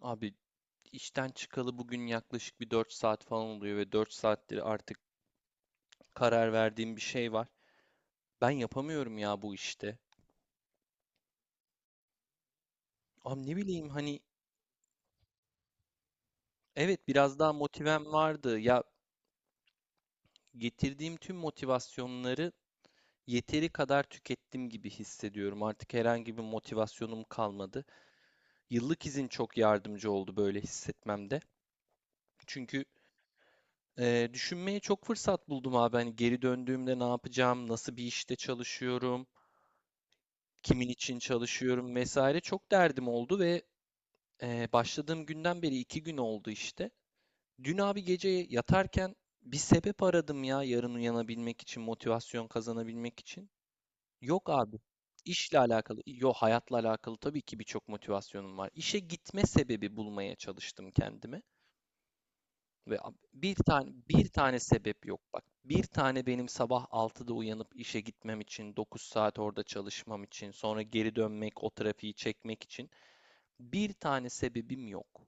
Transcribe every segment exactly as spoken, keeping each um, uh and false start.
Abi işten çıkalı bugün yaklaşık bir dört saat falan oluyor ve dört saattir artık karar verdiğim bir şey var. Ben yapamıyorum ya bu işte. Abi ne bileyim hani. Evet, biraz daha motivem vardı. Ya getirdiğim tüm motivasyonları yeteri kadar tükettim gibi hissediyorum. Artık herhangi bir motivasyonum kalmadı. Yıllık izin çok yardımcı oldu böyle hissetmemde. Çünkü e, düşünmeye çok fırsat buldum abi. Hani geri döndüğümde ne yapacağım, nasıl bir işte çalışıyorum, kimin için çalışıyorum vesaire çok derdim oldu. Ve e, başladığım günden beri iki gün oldu işte. Dün abi gece yatarken bir sebep aradım ya, yarın uyanabilmek için, motivasyon kazanabilmek için. Yok abi. İşle alakalı, yok hayatla alakalı tabii ki birçok motivasyonum var. İşe gitme sebebi bulmaya çalıştım kendime ve ab- bir tane bir tane sebep yok bak. Bir tane benim sabah altıda uyanıp işe gitmem için, dokuz saat orada çalışmam için, sonra geri dönmek, o trafiği çekmek için. Bir tane sebebim yok.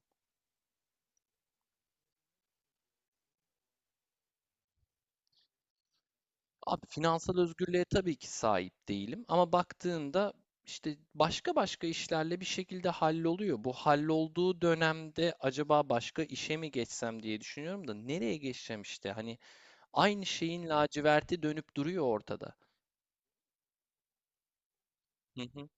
Abi finansal özgürlüğe tabii ki sahip değilim ama baktığında işte başka başka işlerle bir şekilde halloluyor. Bu hallolduğu dönemde acaba başka işe mi geçsem diye düşünüyorum da nereye geçeceğim işte? Hani aynı şeyin laciverti dönüp duruyor ortada. Hı hı,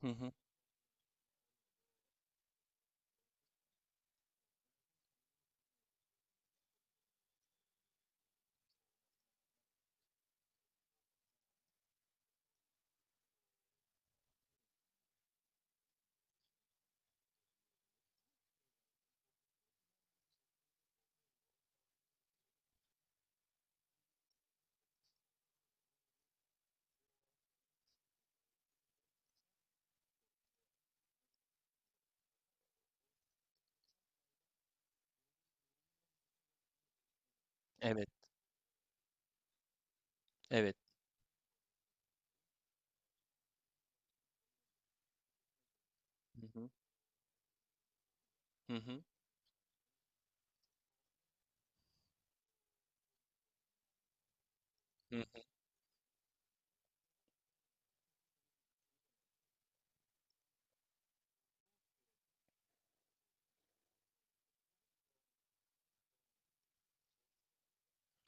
hı hı. Evet, evet. Hı hı, hı hı. Hı.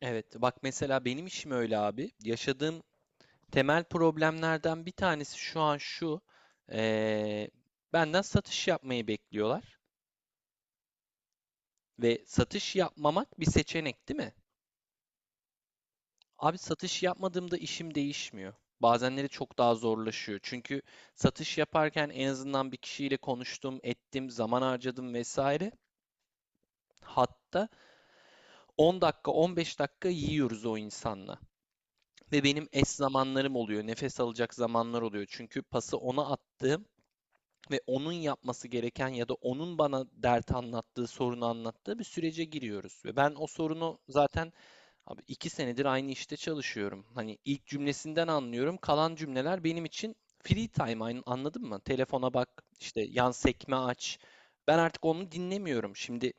Evet, bak mesela benim işim öyle abi. Yaşadığım temel problemlerden bir tanesi şu an şu. eee, Benden satış yapmayı bekliyorlar. Ve satış yapmamak bir seçenek değil mi? Abi satış yapmadığımda işim değişmiyor. Bazenleri çok daha zorlaşıyor. Çünkü satış yaparken en azından bir kişiyle konuştum, ettim, zaman harcadım vesaire. Hatta on dakika, on beş dakika yiyoruz o insanla. Ve benim es zamanlarım oluyor, nefes alacak zamanlar oluyor. Çünkü pası ona attığım ve onun yapması gereken ya da onun bana dert anlattığı, sorunu anlattığı bir sürece giriyoruz. Ve ben o sorunu zaten, abi, iki senedir aynı işte çalışıyorum. Hani ilk cümlesinden anlıyorum. Kalan cümleler benim için free time, anladın mı? Telefona bak, işte yan sekme aç. Ben artık onu dinlemiyorum. Şimdi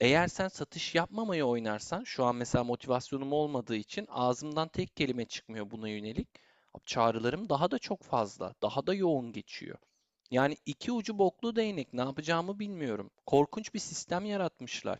eğer sen satış yapmamayı oynarsan, şu an mesela motivasyonum olmadığı için ağzımdan tek kelime çıkmıyor buna yönelik. Abi çağrılarım daha da çok fazla, daha da yoğun geçiyor. Yani iki ucu boklu değnek, ne yapacağımı bilmiyorum. Korkunç bir sistem yaratmışlar.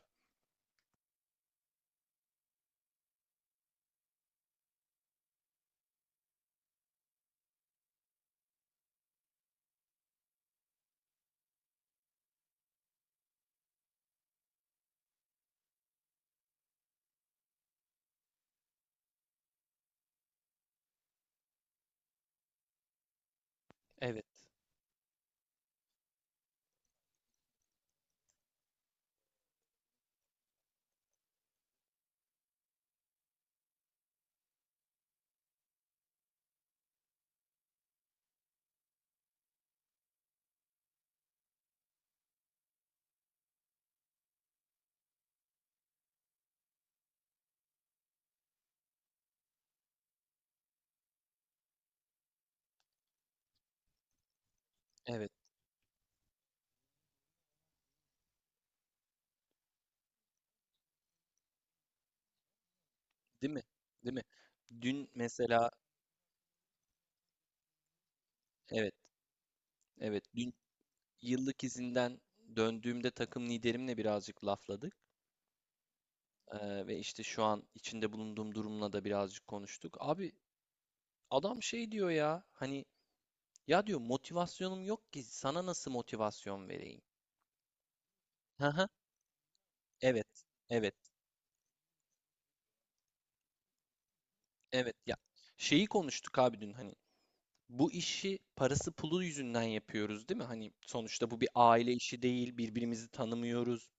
Evet, evet, değil mi? Değil mi? Dün mesela, evet, evet, dün yıllık izinden döndüğümde takım liderimle birazcık lafladık. Ee, ve işte şu an içinde bulunduğum durumla da birazcık konuştuk. Abi adam şey diyor ya, hani ya diyor, motivasyonum yok ki sana nasıl motivasyon vereyim? Hı hı. Evet. Evet. Evet. Ya şeyi konuştuk abi dün, hani bu işi parası pulu yüzünden yapıyoruz değil mi? Hani sonuçta bu bir aile işi değil. Birbirimizi tanımıyoruz.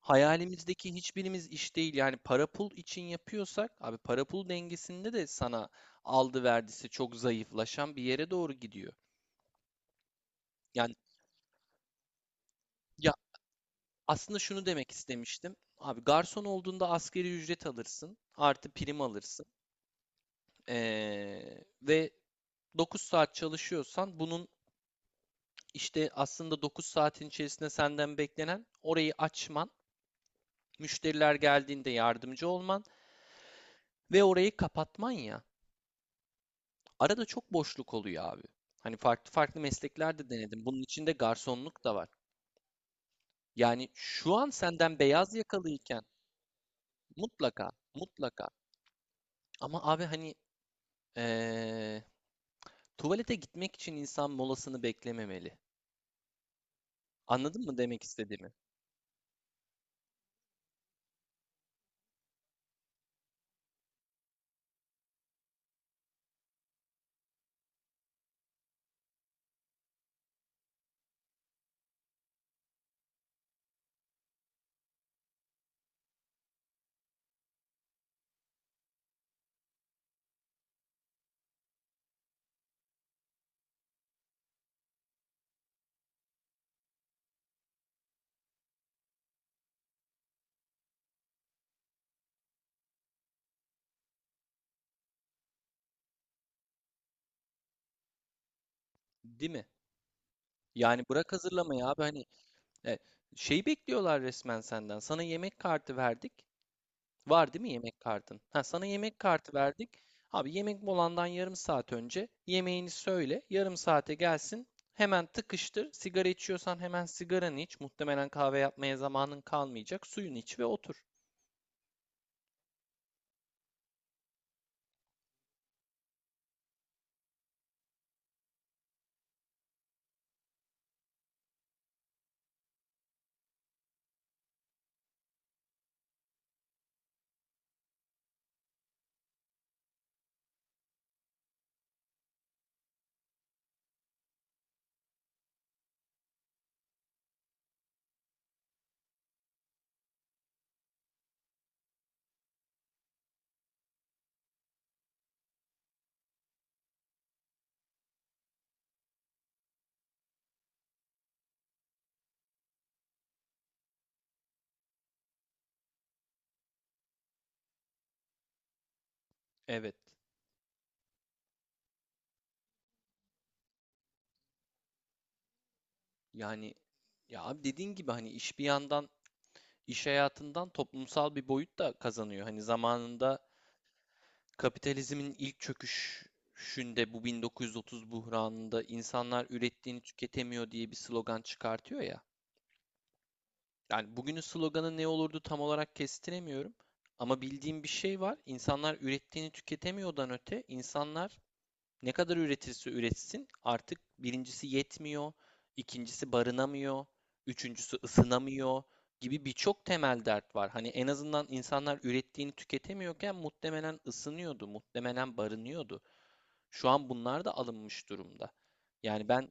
Hayalimizdeki hiçbirimiz iş değil. Yani para pul için yapıyorsak abi, para pul dengesinde de sana aldı verdisi çok zayıflaşan bir yere doğru gidiyor. Yani aslında şunu demek istemiştim. Abi garson olduğunda asgari ücret alırsın. Artı prim alırsın. Ee, ve dokuz saat çalışıyorsan bunun işte aslında dokuz saatin içerisinde senden beklenen orayı açman, müşteriler geldiğinde yardımcı olman ve orayı kapatman ya. Arada çok boşluk oluyor abi. Hani farklı farklı meslekler de denedim. Bunun içinde garsonluk da var. Yani şu an senden beyaz yakalıyken mutlaka, mutlaka. Ama abi hani ee, tuvalete gitmek için insan molasını beklememeli. Anladın mı demek istediğimi? Değil mi? Yani bırak hazırlamayı abi, hani e, şey bekliyorlar resmen senden. Sana yemek kartı verdik. Var değil mi yemek kartın? Ha, sana yemek kartı verdik. Abi yemek molandan yarım saat önce yemeğini söyle. Yarım saate gelsin. Hemen tıkıştır. Sigara içiyorsan hemen sigaranı iç. Muhtemelen kahve yapmaya zamanın kalmayacak. Suyunu iç ve otur. Evet. Yani ya abi dediğin gibi, hani iş bir yandan iş hayatından toplumsal bir boyut da kazanıyor. Hani zamanında kapitalizmin ilk çöküşünde, bu bin dokuz yüz otuz buhranında insanlar ürettiğini tüketemiyor diye bir slogan çıkartıyor ya. Yani bugünün sloganı ne olurdu tam olarak kestiremiyorum. Ama bildiğim bir şey var. İnsanlar ürettiğini tüketemiyordan öte insanlar ne kadar üretirse üretsin artık birincisi yetmiyor, ikincisi barınamıyor, üçüncüsü ısınamıyor gibi birçok temel dert var. Hani en azından insanlar ürettiğini tüketemiyorken muhtemelen ısınıyordu, muhtemelen barınıyordu. Şu an bunlar da alınmış durumda. Yani ben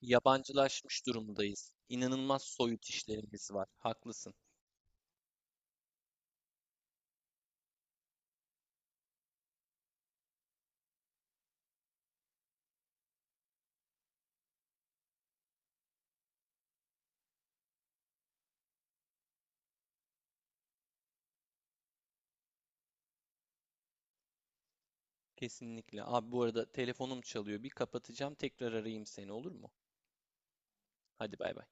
yabancılaşmış durumdayız. İnanılmaz soyut işlerimiz var. Haklısın. Kesinlikle. Abi bu arada telefonum çalıyor. Bir kapatacağım. Tekrar arayayım seni, olur mu? Hadi bay bay.